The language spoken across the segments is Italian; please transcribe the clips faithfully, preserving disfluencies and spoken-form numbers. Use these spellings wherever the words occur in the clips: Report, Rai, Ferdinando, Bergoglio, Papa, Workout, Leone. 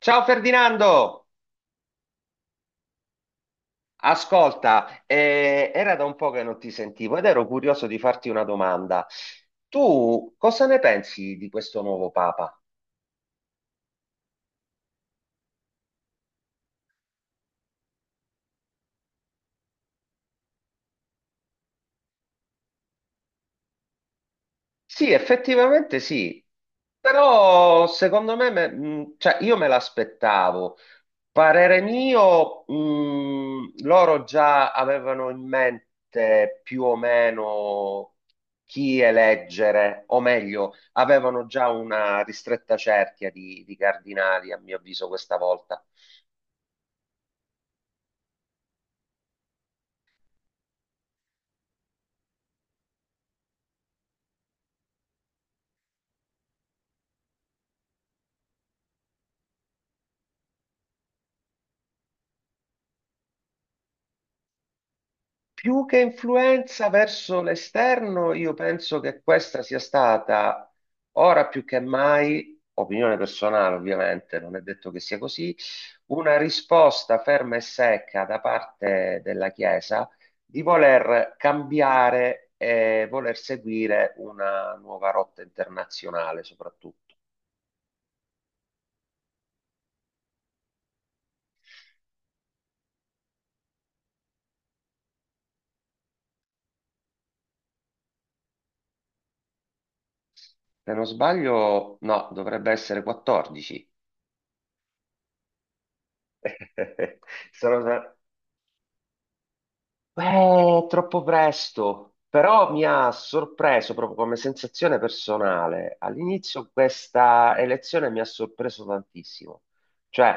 Ciao Ferdinando, ascolta, eh, era da un po' che non ti sentivo ed ero curioso di farti una domanda. Tu cosa ne pensi di questo nuovo Papa? Sì, effettivamente sì, però secondo me, me- mh, cioè, io me l'aspettavo. Parere mio, mh, loro già avevano in mente più o meno chi eleggere, o meglio, avevano già una ristretta cerchia di, di cardinali, a mio avviso, questa volta. Più che influenza verso l'esterno, io penso che questa sia stata ora più che mai, opinione personale ovviamente, non è detto che sia così, una risposta ferma e secca da parte della Chiesa di voler cambiare e voler seguire una nuova rotta internazionale soprattutto. Se non sbaglio, no, dovrebbe essere quattordici. Sono. Beh, troppo presto, però mi ha sorpreso proprio come sensazione personale. All'inizio questa elezione mi ha sorpreso tantissimo, cioè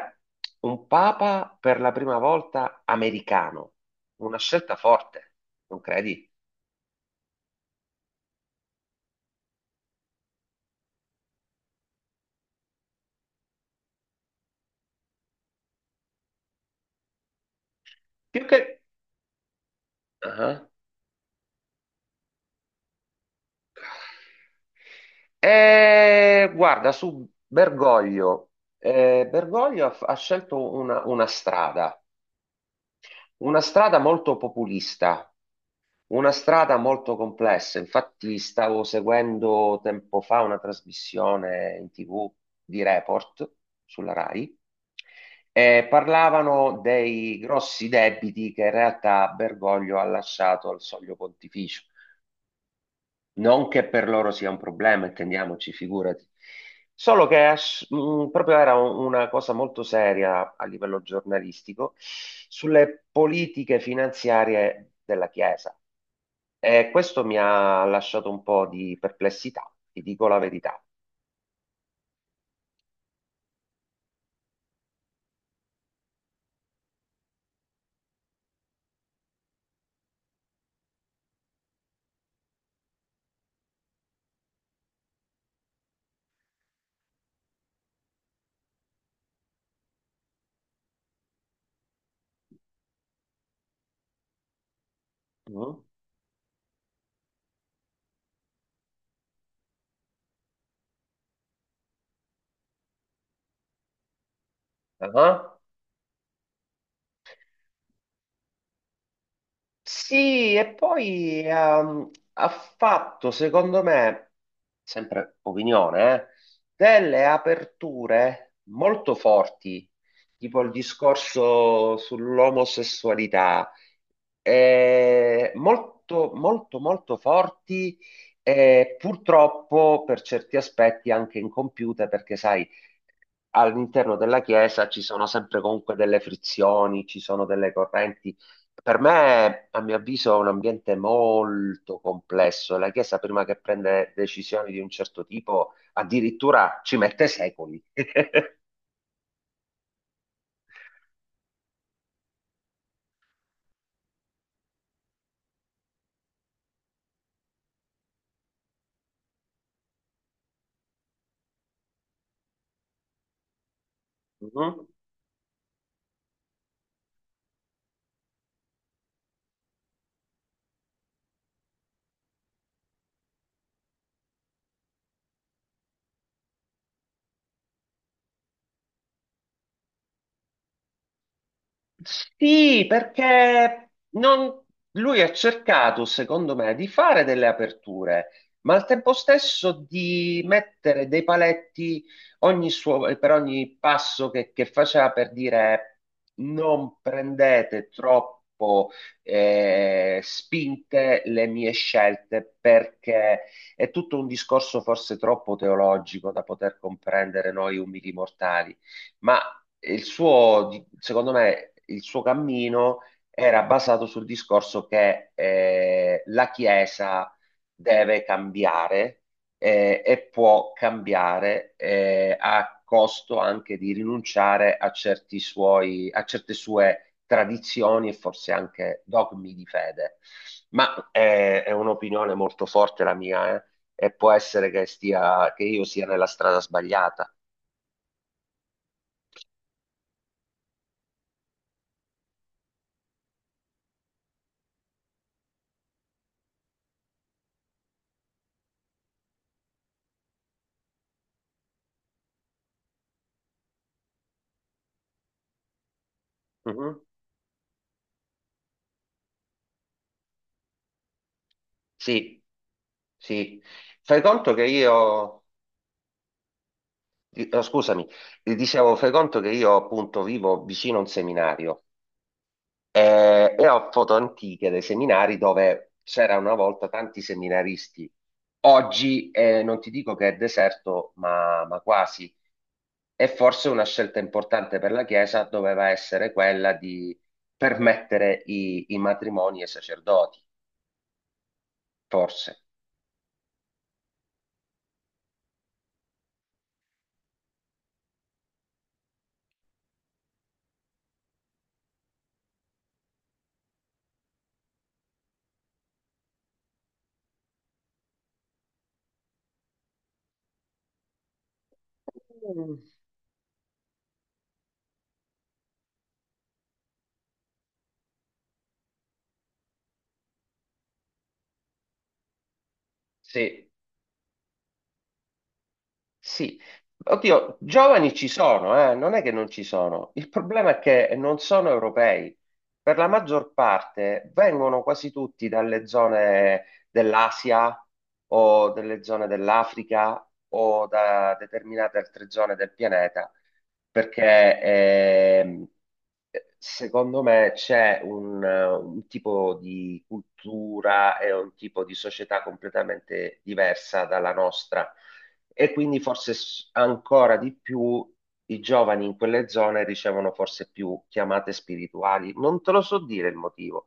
un papa per la prima volta americano, una scelta forte, non credi? Più che... Ah. Eh, guarda, su Bergoglio, eh, Bergoglio ha, ha scelto una una strada, una strada molto populista. Una strada molto complessa, infatti stavo seguendo tempo fa una trasmissione in T V di Report sulla Rai e parlavano dei grossi debiti che in realtà Bergoglio ha lasciato al soglio pontificio. Non che per loro sia un problema, intendiamoci, figurati. Solo che as- mh, proprio era un- una cosa molto seria a livello giornalistico sulle politiche finanziarie della Chiesa. E questo mi ha lasciato un po' di perplessità, ti dico la verità. Mm. Ah. Sì, e poi ehm, ha fatto, secondo me, sempre opinione, eh, delle aperture molto forti, tipo il discorso sull'omosessualità, eh, molto, molto, molto forti e purtroppo per certi aspetti anche incompiute, perché sai, all'interno della Chiesa ci sono sempre comunque delle frizioni, ci sono delle correnti. Per me, a mio avviso, è un ambiente molto complesso. La Chiesa, prima che prende decisioni di un certo tipo, addirittura ci mette secoli. Mhm. Sì, perché non- lui ha cercato, secondo me, di fare delle aperture, ma al tempo stesso di mettere dei paletti ogni suo- eh, per ogni passo che, che faceva, per dire non prendete troppo eh, spinte le mie scelte, perché è tutto un discorso forse troppo teologico da poter comprendere noi umili mortali, ma il suo, di- secondo me, il suo cammino era basato sul discorso che eh, la Chiesa deve cambiare eh, e può cambiare eh, a costo anche di rinunciare a certi suoi, a certe sue tradizioni e forse anche dogmi di fede. Ma eh, è un'opinione molto forte la mia, eh, e può essere che stia, che io sia nella strada sbagliata. Mhm. Sì. Sì, fai conto che io, di- no, scusami, eh, dicevo, fai conto che io appunto vivo vicino a un seminario eh, e ho foto antiche dei seminari dove c'era una volta tanti seminaristi. Oggi eh, non ti dico che è deserto, ma, ma quasi. E forse una scelta importante per la Chiesa doveva essere quella di permettere i, i matrimoni ai sacerdoti, forse. Mm. Sì, sì, oddio, giovani ci sono, eh, non è che non ci sono. Il problema è che non sono europei. Per la maggior parte vengono quasi tutti dalle zone dell'Asia o delle zone dell'Africa o da determinate altre zone del pianeta, perché ehm, secondo me c'è un, un tipo di cultura e un tipo di società completamente diversa dalla nostra e quindi forse s- ancora di più i giovani in quelle zone ricevono forse più chiamate spirituali. Non te lo so dire il motivo.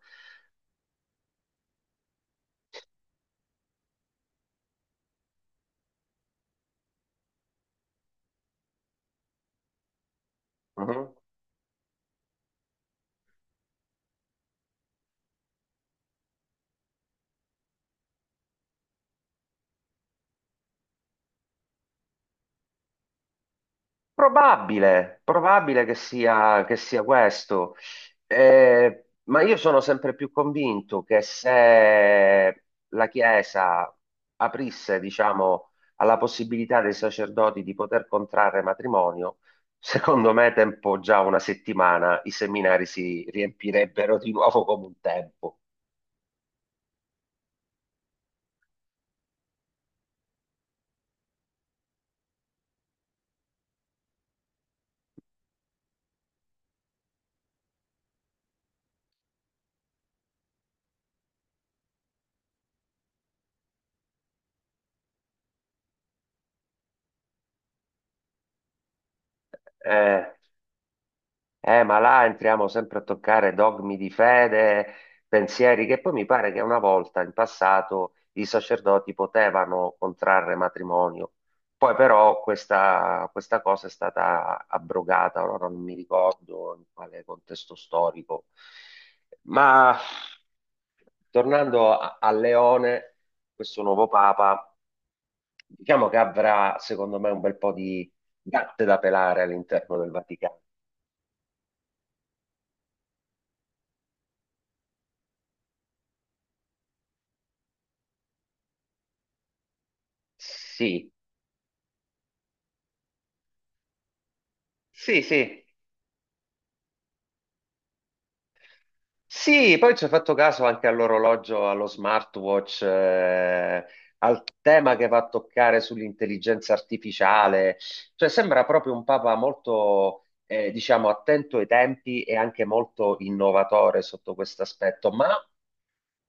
Probabile, probabile che sia, che sia questo. Eh, ma io sono sempre più convinto che se la Chiesa aprisse, diciamo, alla possibilità dei sacerdoti di poter contrarre matrimonio, secondo me, tempo già una settimana, i seminari si riempirebbero di nuovo come un tempo. Eh, Eh, ma là entriamo sempre a toccare dogmi di fede, pensieri, che poi mi pare che una volta in passato i sacerdoti potevano contrarre matrimonio. Poi però questa, questa cosa è stata abrogata, ora non mi ricordo in quale contesto storico. Ma tornando a, a Leone, questo nuovo papa, diciamo che avrà secondo me un bel po' di gatte da pelare all'interno del Vaticano. Sì, sì, sì. Sì, poi ci ho fatto caso anche all'orologio, allo smartwatch, eh, al tema che va a toccare sull'intelligenza artificiale. Cioè, sembra proprio un papa molto, eh, diciamo, attento ai tempi e anche molto innovatore sotto questo aspetto, ma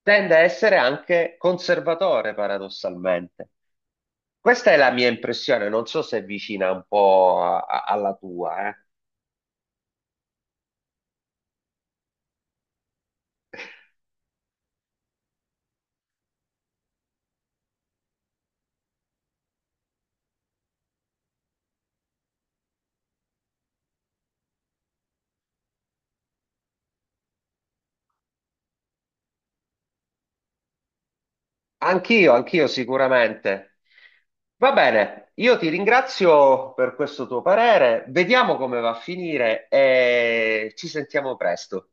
tende a essere anche conservatore, paradossalmente. Questa è la mia impressione, non so se è vicina un po' a- a- alla tua, eh. Anch'io, anch'io sicuramente. Va bene, io ti ringrazio per questo tuo parere. Vediamo come va a finire e ci sentiamo presto.